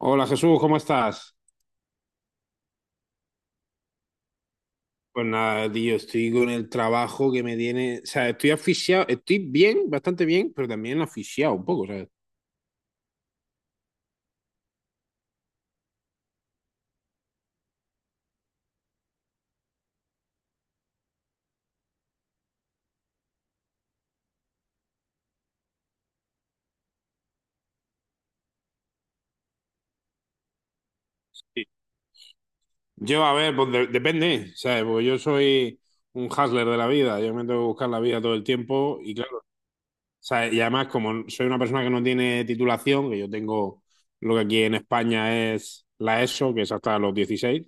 Hola Jesús, ¿cómo estás? Pues nada, tío, estoy con el trabajo que me tiene. O sea, estoy asfixiado, estoy bien, bastante bien, pero también asfixiado un poco, ¿sabes? Sí. Yo, a ver, pues depende, ¿sabes? Porque yo soy un hustler de la vida, yo me tengo que buscar la vida todo el tiempo y claro, ¿sabes? Y además, como soy una persona que no tiene titulación, que yo tengo lo que aquí en España es la ESO, que es hasta los 16.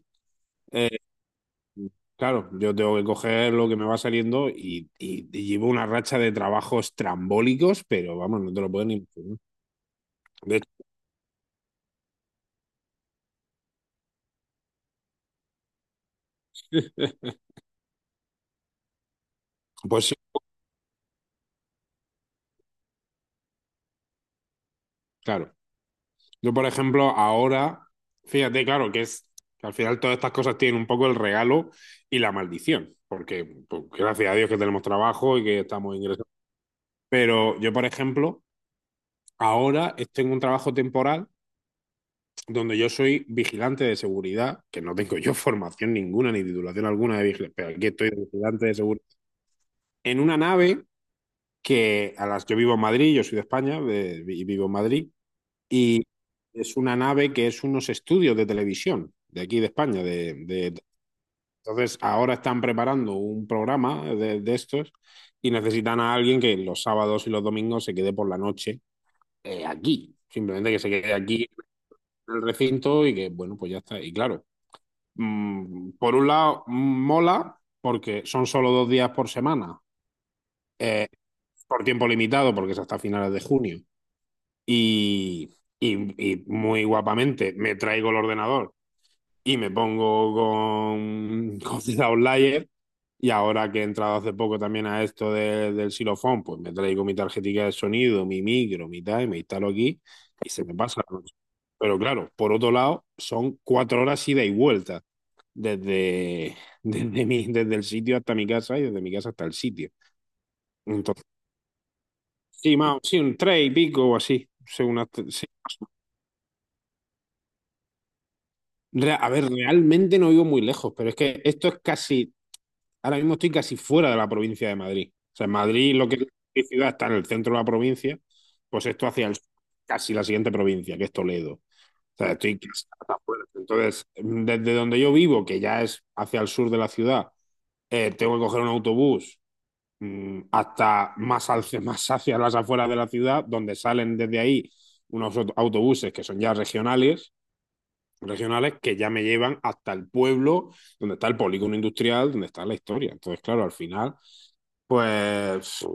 Claro, yo tengo que coger lo que me va saliendo y llevo una racha de trabajos trambólicos, pero vamos, no te lo puedo ni imaginar. De hecho, pues sí, claro. Yo, por ejemplo, ahora, fíjate, claro, que es que al final todas estas cosas tienen un poco el regalo y la maldición, porque pues, gracias a Dios que tenemos trabajo y que estamos ingresando. Pero yo, por ejemplo, ahora estoy en un trabajo temporal donde yo soy vigilante de seguridad, que no tengo yo formación ninguna ni titulación alguna de vigilante, pero aquí estoy de vigilante de seguridad en una nave que a las yo vivo en Madrid, yo soy de España, y vivo en Madrid, y es una nave que es unos estudios de televisión de aquí de España. Entonces, ahora están preparando un programa de estos y necesitan a alguien que los sábados y los domingos se quede por la noche, aquí. Simplemente que se quede aquí en el recinto y que, bueno, pues ya está. Y claro, por un lado, mola porque son solo dos días por semana, eh, por tiempo limitado, porque es hasta finales de junio. Y muy guapamente me traigo el ordenador y me pongo con The Outlier. Y ahora que he entrado hace poco también a esto del xilofón, pues me traigo mi tarjetica de sonido, mi micro, mi tal, y me instalo aquí y se me pasa la noche. Pero claro, por otro lado, son cuatro horas ida y vuelta desde, desde el sitio hasta mi casa y desde mi casa hasta el sitio. Entonces, sí, más, sí, un 3 y pico o así. Según sí. A ver, realmente no vivo muy lejos, pero es que esto es casi, ahora mismo estoy casi fuera de la provincia de Madrid. O sea, Madrid, lo que es mi ciudad, está en el centro de la provincia, pues esto hacia el sur, casi la siguiente provincia, que es Toledo. O sea, estoy casi hasta afuera. Entonces, desde donde yo vivo, que ya es hacia el sur de la ciudad, tengo que coger un autobús, hasta más, al, más hacia las afueras de la ciudad, donde salen desde ahí unos autobuses que son ya regionales, regionales que ya me llevan hasta el pueblo donde está el polígono industrial, donde está la historia. Entonces, claro, al final, pues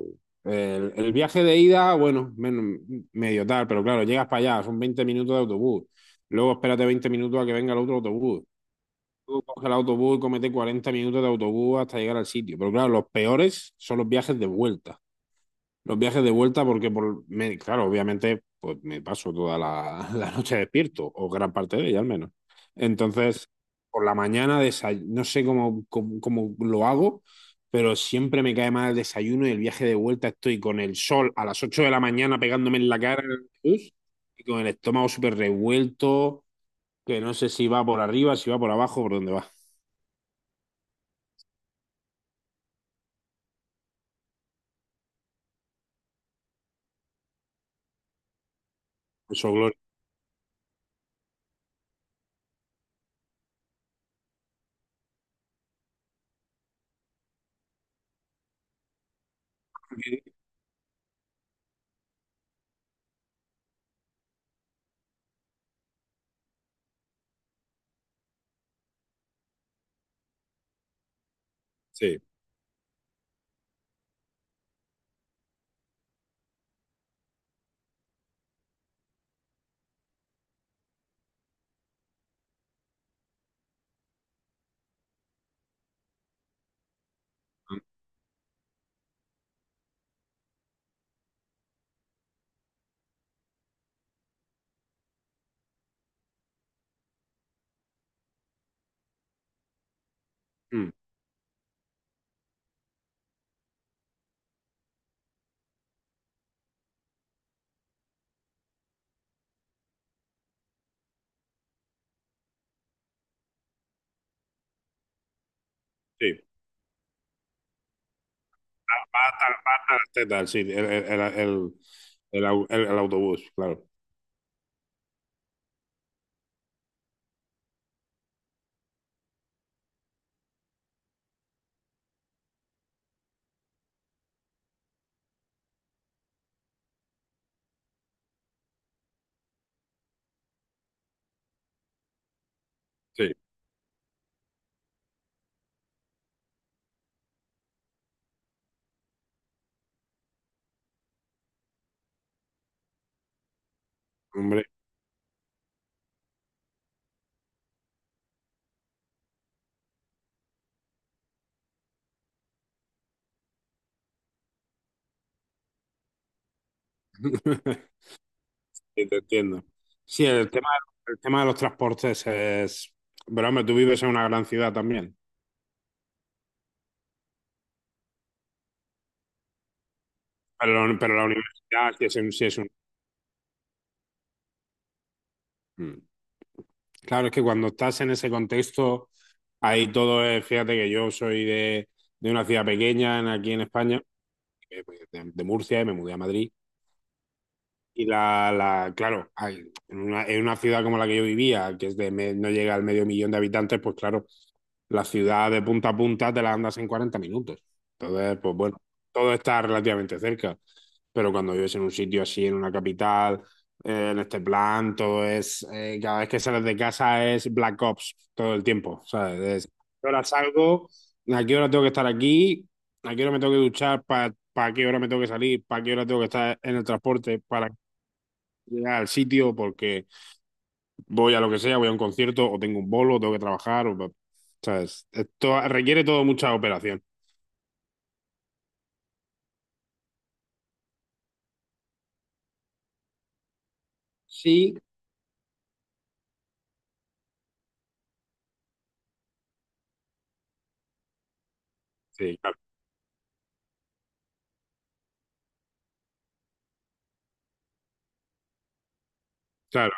el viaje de ida, bueno, menos, medio tal, pero claro, llegas para allá, son 20 minutos de autobús. Luego espérate 20 minutos a que venga el otro autobús. Luego coge el autobús, comete 40 minutos de autobús hasta llegar al sitio. Pero claro, los peores son los viajes de vuelta, los viajes de vuelta, porque por, claro, obviamente, pues me paso toda la, la noche despierto, o gran parte de ella al menos. Entonces, por la mañana no sé cómo, cómo lo hago, pero siempre me cae mal el desayuno y el viaje de vuelta estoy con el sol a las 8 de la mañana pegándome en la cara en el bus y con el estómago súper revuelto, que no sé si va por arriba, si va por abajo, por dónde va. Eso, Gloria. Sí. Mm, mm, sí. Pata, pata, las tetas, sí, el, el autobús, claro. Sí, hombre, sí, te entiendo. Sí, el tema de los transportes es... Pero hombre, tú vives en una gran ciudad también, pero la universidad sí es un... sí es mm. Claro, es que cuando estás en ese contexto, ahí todo es... Fíjate que yo soy de una ciudad pequeña aquí en España, pues, de Murcia, y me mudé a Madrid. Y la claro, en una ciudad como la que yo vivía, que es no llega al medio millón de habitantes, pues claro, la ciudad de punta a punta te la andas en 40 minutos. Entonces, pues bueno, todo está relativamente cerca. Pero cuando vives en un sitio así, en una capital, en este plan, todo es, cada vez que sales de casa es Black Ops todo el tiempo, ¿sabes? Es, ¿a qué hora salgo? ¿A qué hora tengo que estar aquí? ¿A qué hora me tengo que duchar? ¿Para qué hora me tengo que salir? ¿Para qué hora tengo que estar en el transporte? ¿Para llegar al sitio porque voy a lo que sea, voy a un concierto o tengo un bolo, tengo que trabajar? O, ¿sabes? Esto requiere todo mucha operación. Sí, sí, claro, claro,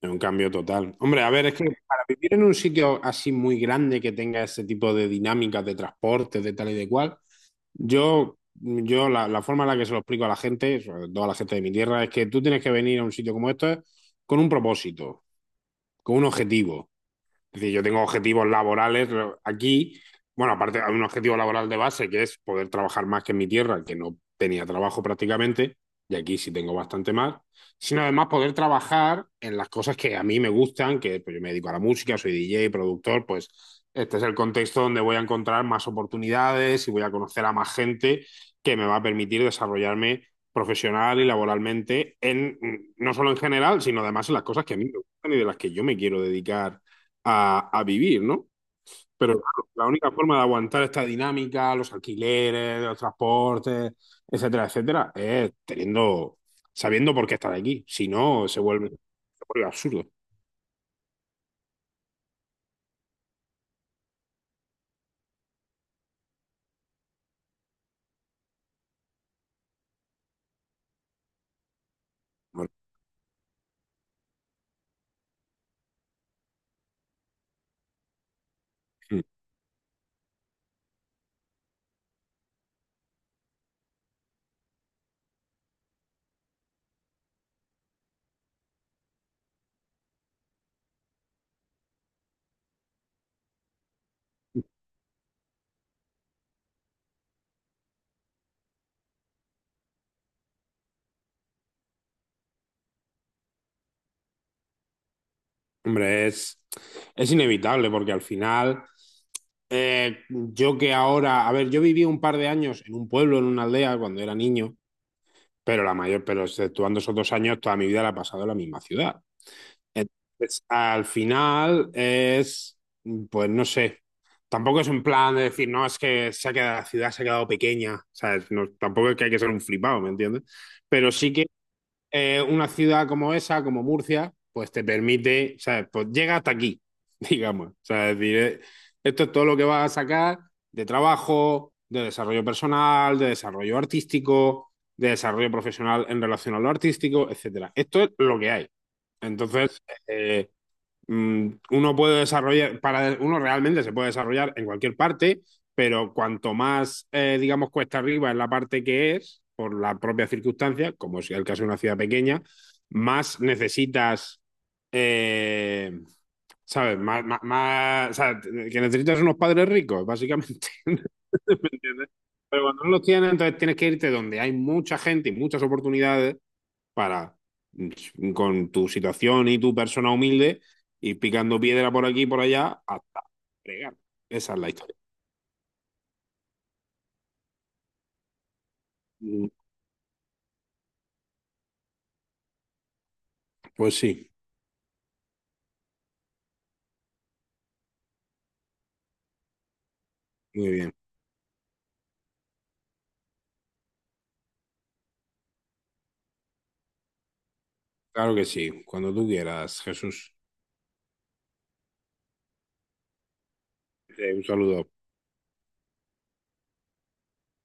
es un cambio total. Hombre, a ver, es que para vivir en un sitio así muy grande que tenga ese tipo de dinámicas de transporte, de tal y de cual, yo la forma en la que se lo explico a la gente, sobre todo a la gente de mi tierra, es que tú tienes que venir a un sitio como este con un propósito, con un objetivo. Es decir, yo tengo objetivos laborales, aquí. Bueno, aparte hay un objetivo laboral de base que es poder trabajar más que en mi tierra, que no tenía trabajo prácticamente, y aquí sí tengo bastante más, sino además poder trabajar en las cosas que a mí me gustan, que pues, yo me dedico a la música, soy DJ, productor, pues este es el contexto donde voy a encontrar más oportunidades y voy a conocer a más gente que me va a permitir desarrollarme profesional y laboralmente, en, no solo en general, sino además en las cosas que a mí me gustan y de las que yo me quiero dedicar a vivir, ¿no? Pero claro, la única forma de aguantar esta dinámica, los alquileres, los transportes, etcétera, etcétera, es teniendo, sabiendo por qué estar aquí. Si no, se vuelve absurdo. Bueno, mm, hombre, es inevitable porque al final, yo que ahora, a ver, yo viví un par de años en un pueblo, en una aldea, cuando era niño, pero la mayor, pero exceptuando esos dos años, toda mi vida la he pasado en la misma ciudad. Entonces, al final es, pues no sé, tampoco es un plan de decir, no, es que se ha quedado, la ciudad se ha quedado pequeña, ¿sabes? No, tampoco es que hay que ser un flipado, ¿me entiendes? Pero sí, una ciudad como esa, como Murcia, pues te permite, ¿sabes? Pues llega hasta aquí, digamos. O sea, es decir, esto es todo lo que vas a sacar de trabajo, de desarrollo personal, de desarrollo artístico, de desarrollo profesional en relación a lo artístico, etcétera. Esto es lo que hay. Entonces, mm, uno puede desarrollar, para, uno realmente se puede desarrollar en cualquier parte, pero cuanto más, digamos, cuesta arriba en la parte que es, por la propia circunstancia, como es el caso de una ciudad pequeña, más necesitas, eh, ¿sabes? Más, más, o sea, que necesitas unos padres ricos, básicamente. ¿Me entiendes? Pero cuando no los tienes, entonces tienes que irte donde hay mucha gente y muchas oportunidades para con tu situación y tu persona humilde ir picando piedra por aquí y por allá hasta fregar. Esa es la historia. Mm, pues sí, muy bien. Claro que sí, cuando tú quieras, Jesús. Un saludo.